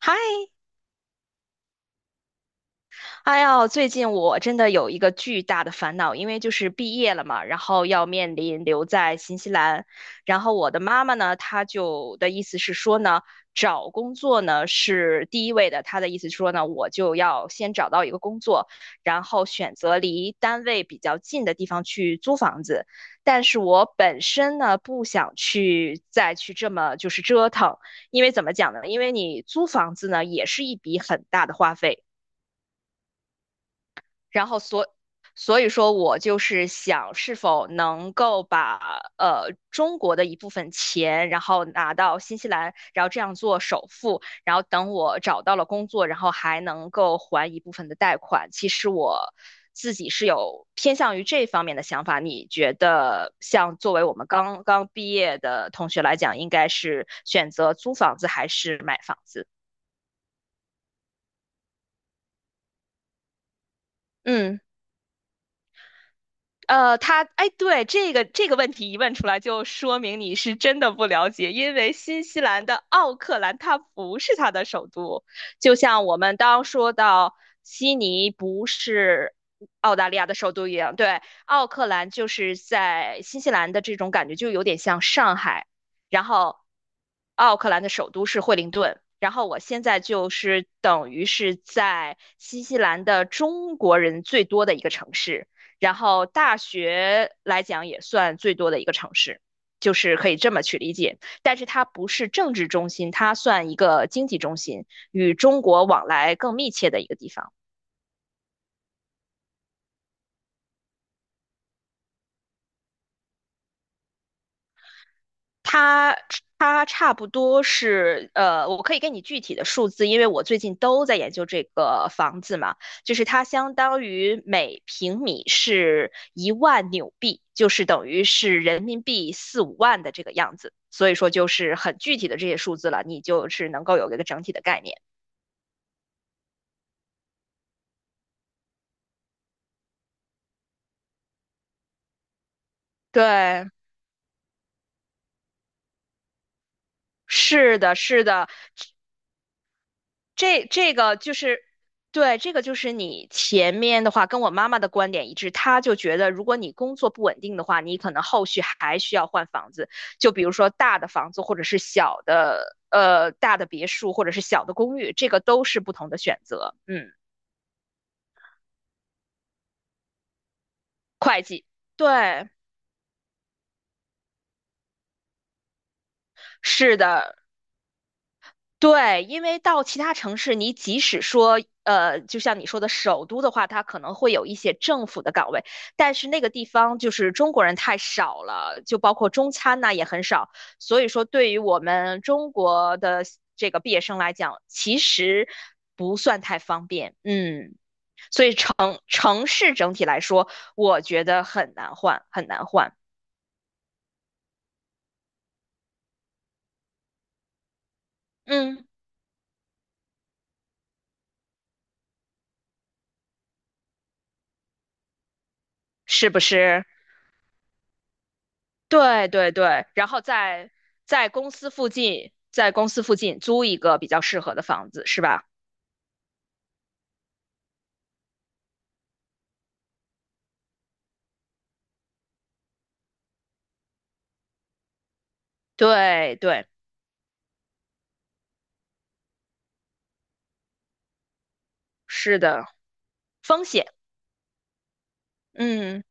嗨，哎呦，最近我真的有一个巨大的烦恼，因为就是毕业了嘛，然后要面临留在新西兰，然后我的妈妈呢，她就的意思是说呢，找工作呢是第一位的，她的意思是说呢，我就要先找到一个工作，然后选择离单位比较近的地方去租房子，但是我本身呢不想去再去这么就是折腾，因为怎么讲呢？因为你租房子呢也是一笔很大的花费。然后所以说我就是想是否能够把中国的一部分钱，然后拿到新西兰，然后这样做首付，然后等我找到了工作，然后还能够还一部分的贷款。其实我自己是有偏向于这方面的想法。你觉得像作为我们刚刚毕业的同学来讲，应该是选择租房子还是买房子？嗯。哎，对，这个问题一问出来，就说明你是真的不了解，因为新西兰的奥克兰它不是它的首都，就像我们当说到悉尼不是澳大利亚的首都一样，对，奥克兰就是在新西兰的这种感觉就有点像上海，然后奥克兰的首都是惠灵顿。然后我现在就是等于是在新西兰的中国人最多的一个城市，然后大学来讲也算最多的一个城市，就是可以这么去理解。但是它不是政治中心，它算一个经济中心，与中国往来更密切的一个地方。它它差不多是我可以给你具体的数字，因为我最近都在研究这个房子嘛。就是它相当于每平米是1万纽币，就是等于是人民币四五万的这个样子。所以说就是很具体的这些数字了，你就是能够有一个整体的概念。对，是的，是的，这个就是，对，这个就是你前面的话跟我妈妈的观点一致，她就觉得如果你工作不稳定的话，你可能后续还需要换房子，就比如说大的房子或者是小的，大的别墅或者是小的公寓，这个都是不同的选择。嗯，会计，对，是的，对，因为到其他城市，你即使说，就像你说的首都的话，它可能会有一些政府的岗位，但是那个地方就是中国人太少了，就包括中餐呐、也很少，所以说对于我们中国的这个毕业生来讲，其实不算太方便，嗯，所以城市整体来说，我觉得很难换，很难换，嗯，是不是？对对对，然后在公司附近，在公司附近租一个比较适合的房子，是吧？对对，是的，风险，嗯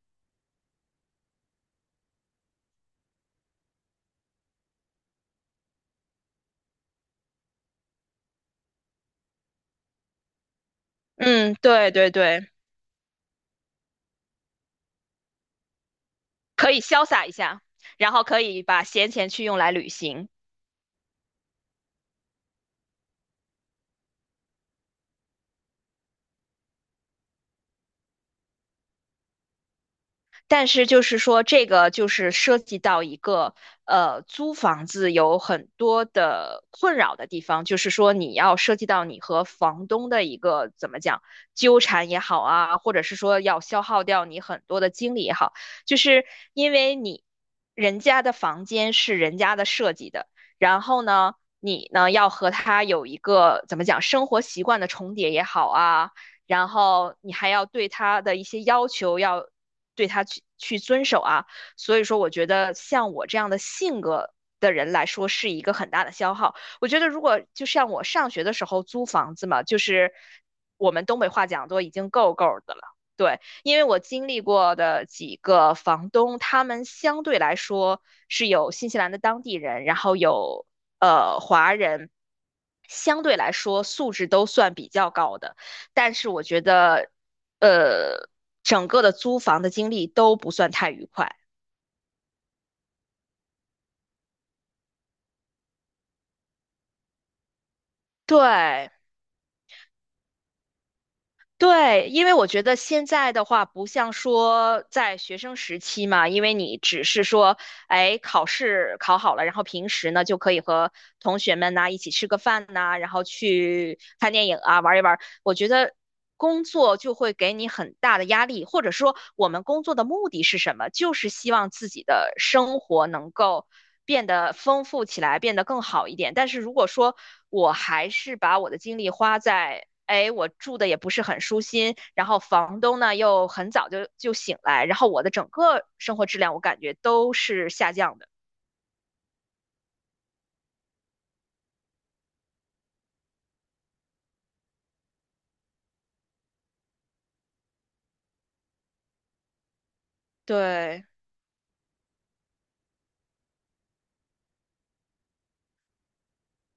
嗯，对对对，可以潇洒一下，然后可以把闲钱去用来旅行。但是就是说，这个就是涉及到一个租房子有很多的困扰的地方，就是说你要涉及到你和房东的一个怎么讲纠缠也好啊，或者是说要消耗掉你很多的精力也好，就是因为你人家的房间是人家的设计的，然后呢，你呢要和他有一个怎么讲生活习惯的重叠也好啊。然后你还要对他的一些要求要对他去遵守啊。所以说，我觉得像我这样的性格的人来说，是一个很大的消耗。我觉得如果就像我上学的时候租房子嘛，就是我们东北话讲都已经够够的了。对，因为我经历过的几个房东，他们相对来说是有新西兰的当地人，然后有华人，相对来说素质都算比较高的。但是我觉得呃，整个的租房的经历都不算太愉快。对对，因为我觉得现在的话，不像说在学生时期嘛，因为你只是说，哎，考试考好了，然后平时呢就可以和同学们呐、一起吃个饭呐、然后去看电影啊，玩一玩。我觉得工作就会给你很大的压力，或者说我们工作的目的是什么？就是希望自己的生活能够变得丰富起来，变得更好一点。但是如果说我还是把我的精力花在，哎，我住的也不是很舒心，然后房东呢又很早就醒来，然后我的整个生活质量我感觉都是下降的。对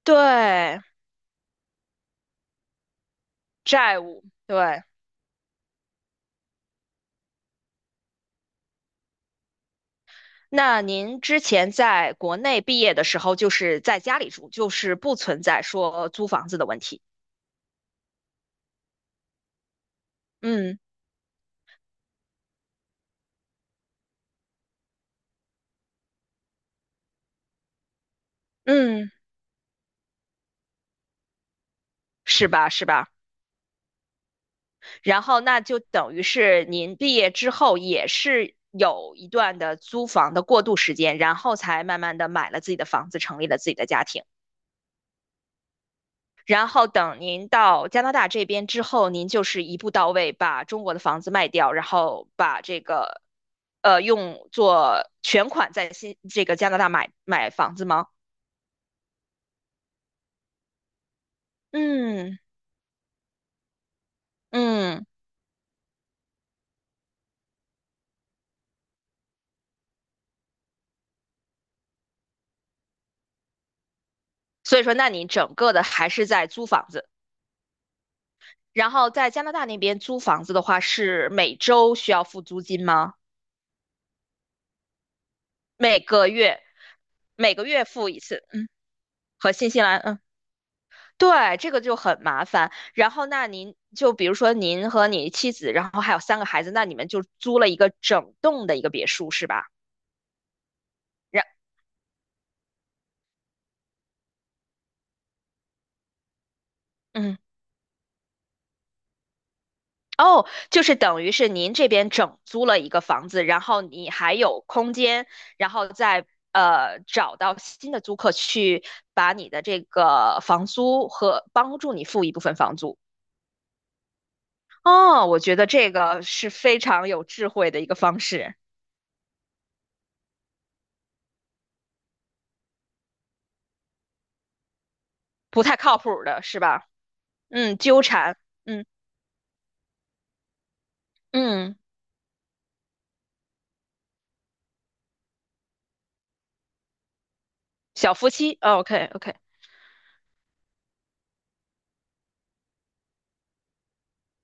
对，债务，对。那您之前在国内毕业的时候，就是在家里住，就是不存在说租房子的问题。嗯嗯，是吧是吧？然后那就等于是您毕业之后也是有一段的租房的过渡时间，然后才慢慢的买了自己的房子，成立了自己的家庭。然后等您到加拿大这边之后，您就是一步到位，把中国的房子卖掉，然后把这个，用作全款在这个加拿大买房子吗？嗯嗯，所以说，那你整个的还是在租房子。然后在加拿大那边租房子的话，是每周需要付租金吗？每个月，每个月付一次，嗯，和新西兰，嗯。对，这个就很麻烦。然后，那您就比如说您和你妻子，然后还有三个孩子，那你们就租了一个整栋的一个别墅是吧？然，嗯，哦，就是等于是您这边整租了一个房子，然后你还有空间，然后再找到新的租客去把你的这个房租和帮助你付一部分房租。哦，我觉得这个是非常有智慧的一个方式，不太靠谱的是吧？嗯，纠缠，嗯。嗯，小夫妻，OK OK，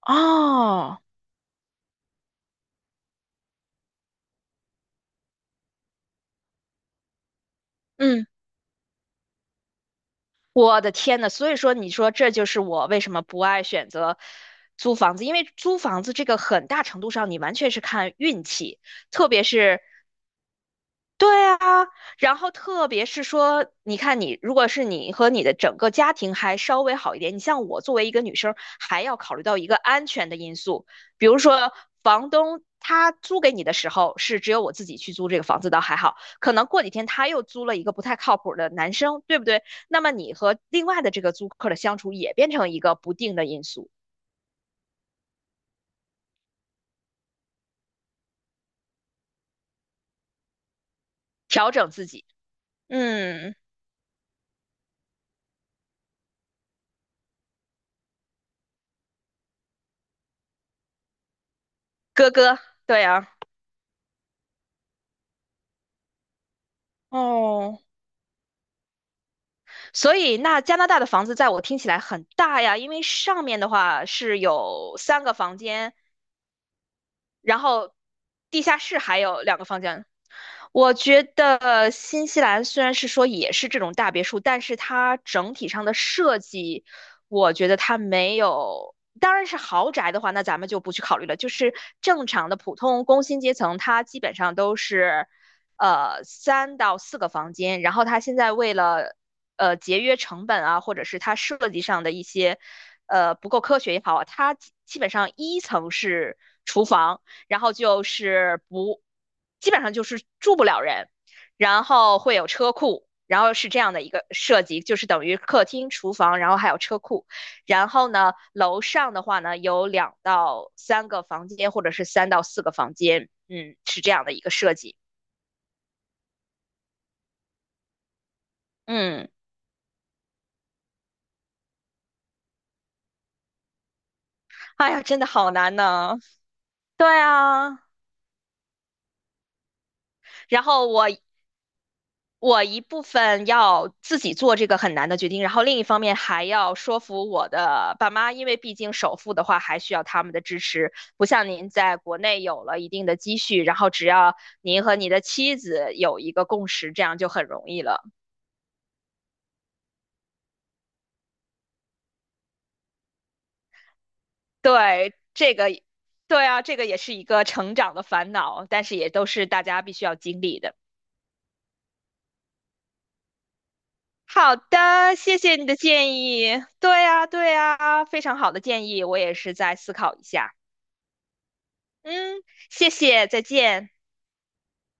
哦，嗯，我的天呐，所以说你说这就是我为什么不爱选择租房子，因为租房子这个很大程度上你完全是看运气，特别是对啊，然后特别是说，你看你如果是你和你的整个家庭还稍微好一点，你像我作为一个女生，还要考虑到一个安全的因素，比如说房东他租给你的时候是只有我自己去租这个房子倒还好，可能过几天他又租了一个不太靠谱的男生，对不对？那么你和另外的这个租客的相处也变成一个不定的因素，调整自己。嗯，哥哥，对啊，哦。所以，那加拿大的房子在我听起来很大呀，因为上面的话是有三个房间，然后地下室还有两个房间，我觉得新西兰虽然是说也是这种大别墅，但是它整体上的设计，我觉得它没有。当然是豪宅的话，那咱们就不去考虑了。就是正常的普通工薪阶层，它基本上都是，三到四个房间。然后它现在为了，节约成本啊，或者是它设计上的一些，不够科学也好啊，它基本上一层是厨房。然后就是不，基本上就是住不了人，然后会有车库，然后是这样的一个设计，就是等于客厅、厨房，然后还有车库，然后呢，楼上的话呢有两到三个房间，或者是三到四个房间，嗯，是这样的一个设计。嗯，哎呀，真的好难呢。对啊，然后我一部分要自己做这个很难的决定，然后另一方面还要说服我的爸妈，因为毕竟首付的话还需要他们的支持，不像您在国内有了一定的积蓄，然后只要您和你的妻子有一个共识，这样就很容易了。对，这个，对啊，这个也是一个成长的烦恼，但是也都是大家必须要经历的。好的，谢谢你的建议。对啊，对啊，非常好的建议，我也是在思考一下。嗯，谢谢，再见。